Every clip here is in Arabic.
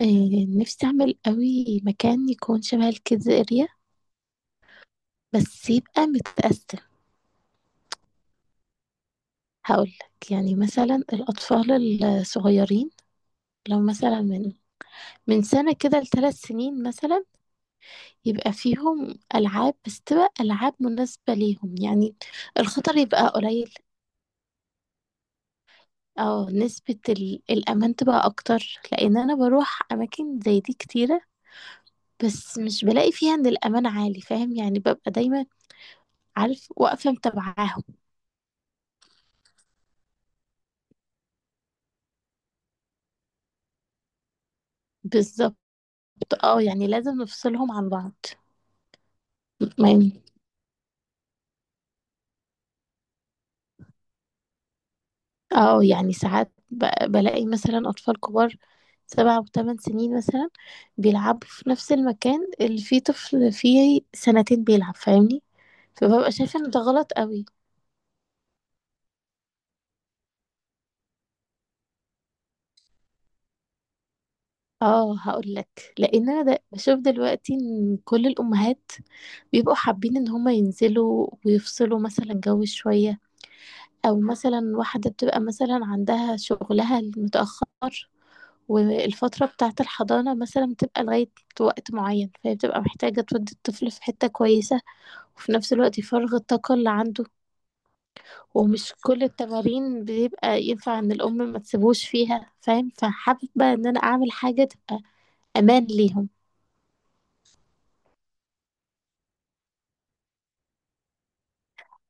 إيه نفسي أعمل قوي مكان يكون شبه الكيدز اريا، بس يبقى متقسم. هقولك يعني مثلا الأطفال الصغيرين لو مثلا من سنة كده لـ3 سنين مثلا يبقى فيهم ألعاب بس تبقى ألعاب مناسبة ليهم يعني الخطر يبقى قليل أو نسبة الأمان تبقى أكتر. لأن أنا بروح أماكن زي دي كتيرة بس مش بلاقي فيها إن الأمان عالي، فاهم يعني؟ ببقى دايما عارف واقفة متابعاهم. بالظبط، اه يعني لازم نفصلهم عن بعض. ما ين- اه يعني ساعات بلاقي مثلا أطفال كبار 7 و8 سنين مثلا بيلعبوا في نفس المكان اللي فيه طفل فيه سنتين بيلعب، فاهمني؟ فببقى شايفة ان ده غلط قوي. اه هقول لك، لان انا ده بشوف دلوقتي ان كل الامهات بيبقوا حابين ان هما ينزلوا ويفصلوا مثلا جو شوية، او مثلا واحدة بتبقى مثلا عندها شغلها المتأخر والفترة بتاعة الحضانة مثلا بتبقى لغاية وقت معين، فهي بتبقى محتاجة تودي الطفل في حتة كويسة وفي نفس الوقت يفرغ الطاقة اللي عنده. ومش كل التمارين بيبقى ينفع ان الأم ما تسيبوش فيها، فاهم؟ فحابة ان انا اعمل حاجة تبقى امان ليهم.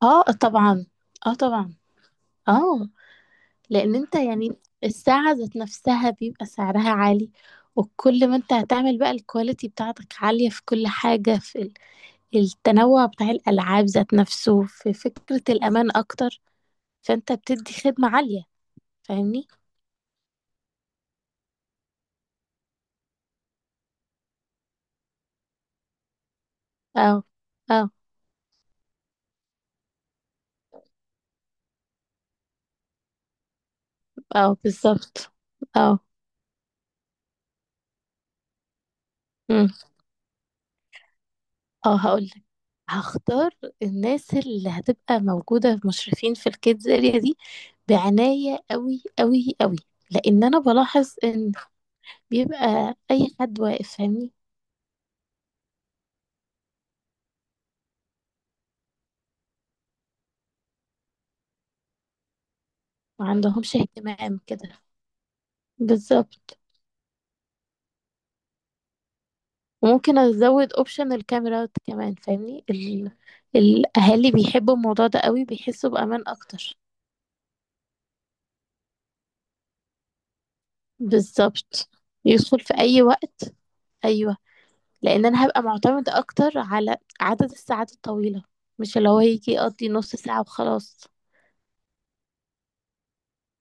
اه طبعا. اه طبعا. اه. لان انت يعني الساعة ذات نفسها بيبقى سعرها عالي، وكل ما انت هتعمل بقى الكواليتي بتاعتك عالية في كل حاجة، في التنوع بتاع الألعاب ذات نفسه، في فكرة الأمان أكتر، فأنت بتدي خدمة عالية. فاهمني؟ اه. اه. اه. بالظبط. اه. أمم. اه هقولك. هختار الناس اللي هتبقى موجودة مشرفين في الكيدز اريا دي بعناية قوي قوي قوي، لأن أنا بلاحظ إن بيبقى أي حد واقف، فاهمني؟ ما عندهمش اهتمام كده. بالظبط. وممكن ازود اوبشن الكاميرات كمان، فاهمني؟ ال... الاهالي بيحبوا الموضوع ده قوي، بيحسوا بامان اكتر. بالظبط. يدخل في اي وقت. ايوه. لان انا هبقى معتمدة اكتر على عدد الساعات الطويلة، مش اللي هو يجي يقضي نص ساعة وخلاص.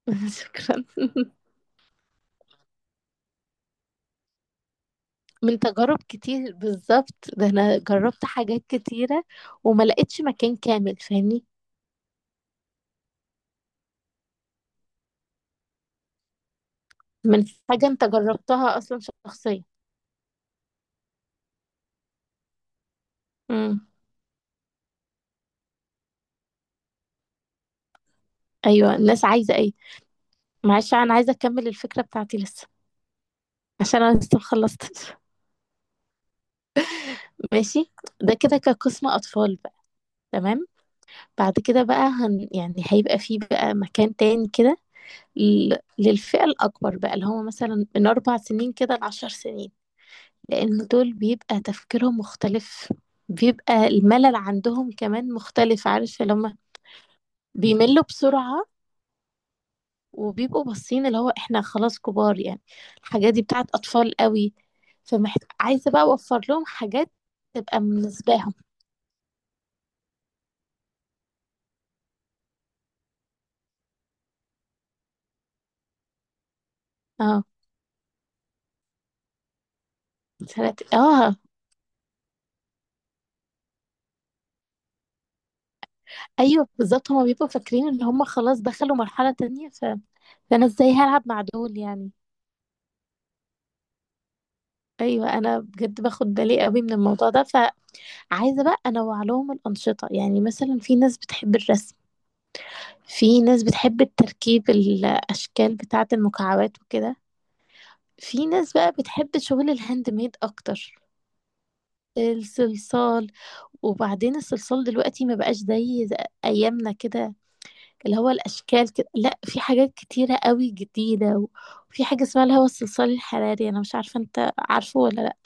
شكرا. من تجارب كتير بالظبط، ده انا جربت حاجات كتيرة وما لقيتش مكان كامل، فاهمني؟ من حاجة انت جربتها اصلا شخصيا. امم. ايوه الناس عايزة ايه. معلش انا عايزه اكمل الفكره بتاعتي لسه، عشان انا لسه مخلصتش. ماشي. ده كده كقسم اطفال بقى. تمام. بعد كده بقى هن يعني هيبقى فيه بقى مكان تاني كده ل- للفئه الاكبر بقى اللي هم مثلا من 4 سنين كده لـ10 سنين. لان دول بيبقى تفكيرهم مختلف، بيبقى الملل عندهم كمان مختلف، عارف اللي هم بيملوا بسرعه وبيبقوا باصين اللي هو احنا خلاص كبار يعني، الحاجات دي بتاعت اطفال قوي. عايزه بقى اوفر لهم حاجات تبقى بالنسبه لهم. اه. اه. ايوه بالظبط، هما بيبقوا فاكرين ان هما خلاص دخلوا مرحله تانية. فانا ازاي هلعب مع دول يعني. ايوه انا بجد باخد بالي قوي من الموضوع ده. فعايزه بقى انوع لهم الانشطه، يعني مثلا في ناس بتحب الرسم، في ناس بتحب التركيب الاشكال بتاعه المكعبات وكده، في ناس بقى بتحب شغل الهاند ميد اكتر. الصلصال. وبعدين الصلصال دلوقتي ما بقاش زي ايامنا كده، اللي هو الاشكال كده، لا في حاجات كتيره قوي جديده. وفي حاجه اسمها اللي هو الصلصال الحراري، انا مش عارفه انت عارفه ولا لا؟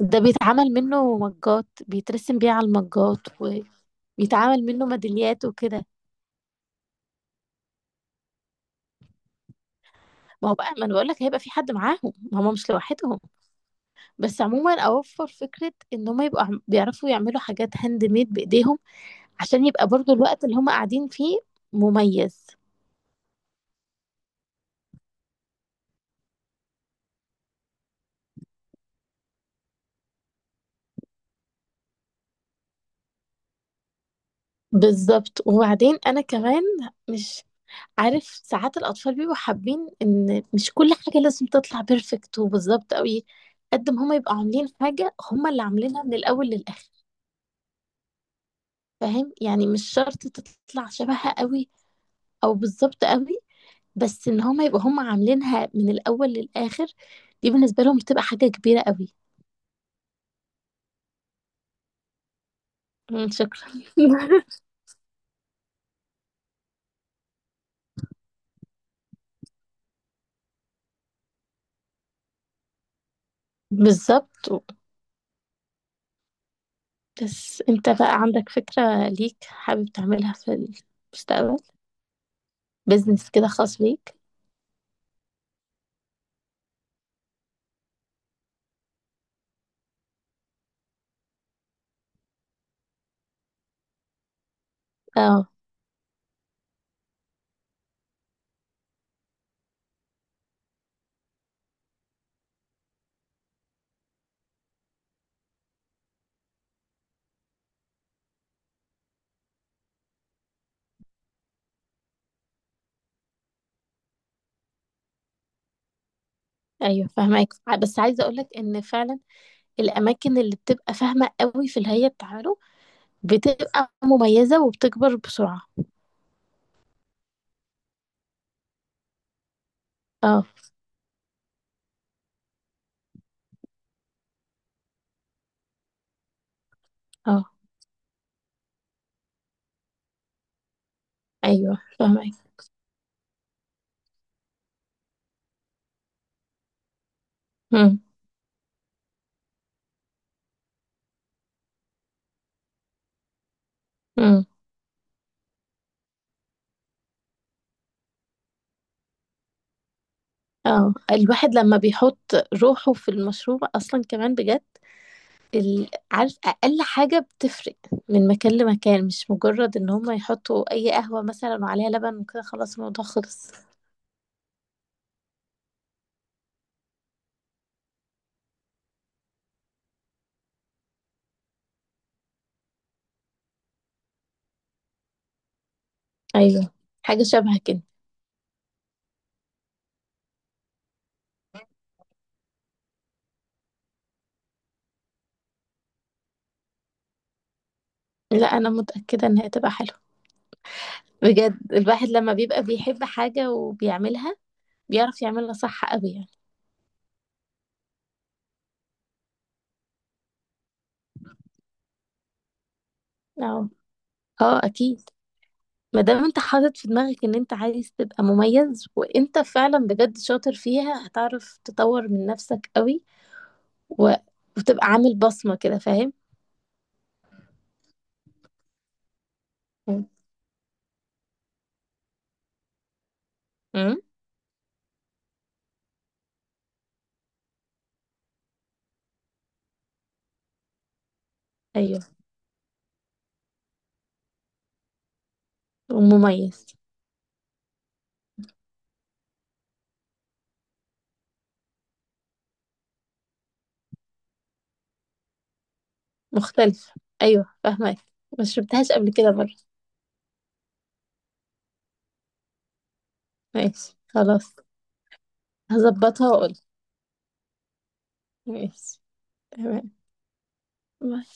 ده بيتعمل منه مجات، بيترسم بيه على المجات وبيتعمل منه ميداليات وكده. ما هو بقى ما انا بقول لك هيبقى في حد معاهم، ما هم مش لوحدهم. بس عموما اوفر فكره ان هم يبقوا بيعرفوا يعملوا حاجات هاند ميد بايديهم، عشان يبقى برضو الوقت اللي هما قاعدين فيه مميز. بالظبط. وبعدين انا كمان مش عارف ساعات الاطفال بيبقوا حابين ان مش كل حاجه لازم تطلع بيرفكت وبالظبط قوي. قد ما هما يبقوا عاملين حاجه هما اللي عاملينها من الاول للاخر، فاهم يعني؟ مش شرط تطلع شبهها قوي او بالظبط قوي، بس ان هما يبقوا هما عاملينها من الاول للاخر. دي بالنسبه لهم بتبقى حاجه كبيره قوي. مم، شكرا. بالظبط. بس انت بقى عندك فكرة ليك حابب تعملها في المستقبل، بيزنس كده خاص ليك؟ اه. ايوه فاهمك. بس عايزة اقولك ان فعلا الاماكن اللي بتبقى فاهمة قوي في الهيئة بتاعته بتبقى مميزة وبتكبر بسرعة. اه. اه. ايوه فاهمك. امم. امم. اه الواحد لما بيحط روحه في المشروع اصلا كمان بجد. عارف اقل حاجه بتفرق من مكان لمكان، مش مجرد ان هم يحطوا اي قهوه مثلا وعليها لبن وكده خلاص الموضوع خلص. ايوه. حاجه شبه كده. لا انا متاكده انها تبقى حلوه، بجد الواحد لما بيبقى بيحب حاجه وبيعملها بيعرف يعملها صح قوي يعني. اه. اه اكيد، ما دام انت حاطط في دماغك ان انت عايز تبقى مميز وانت فعلا بجد شاطر فيها هتعرف تطور من نفسك قوي و... وتبقى عامل بصمه كده، فاهم؟ امم. ايوه. ومميز. مختلف. ايوه فاهمك. ما شربتهاش قبل كده برضه. ماشي خلاص. هظبطها واقول. ماشي. تمام. باي.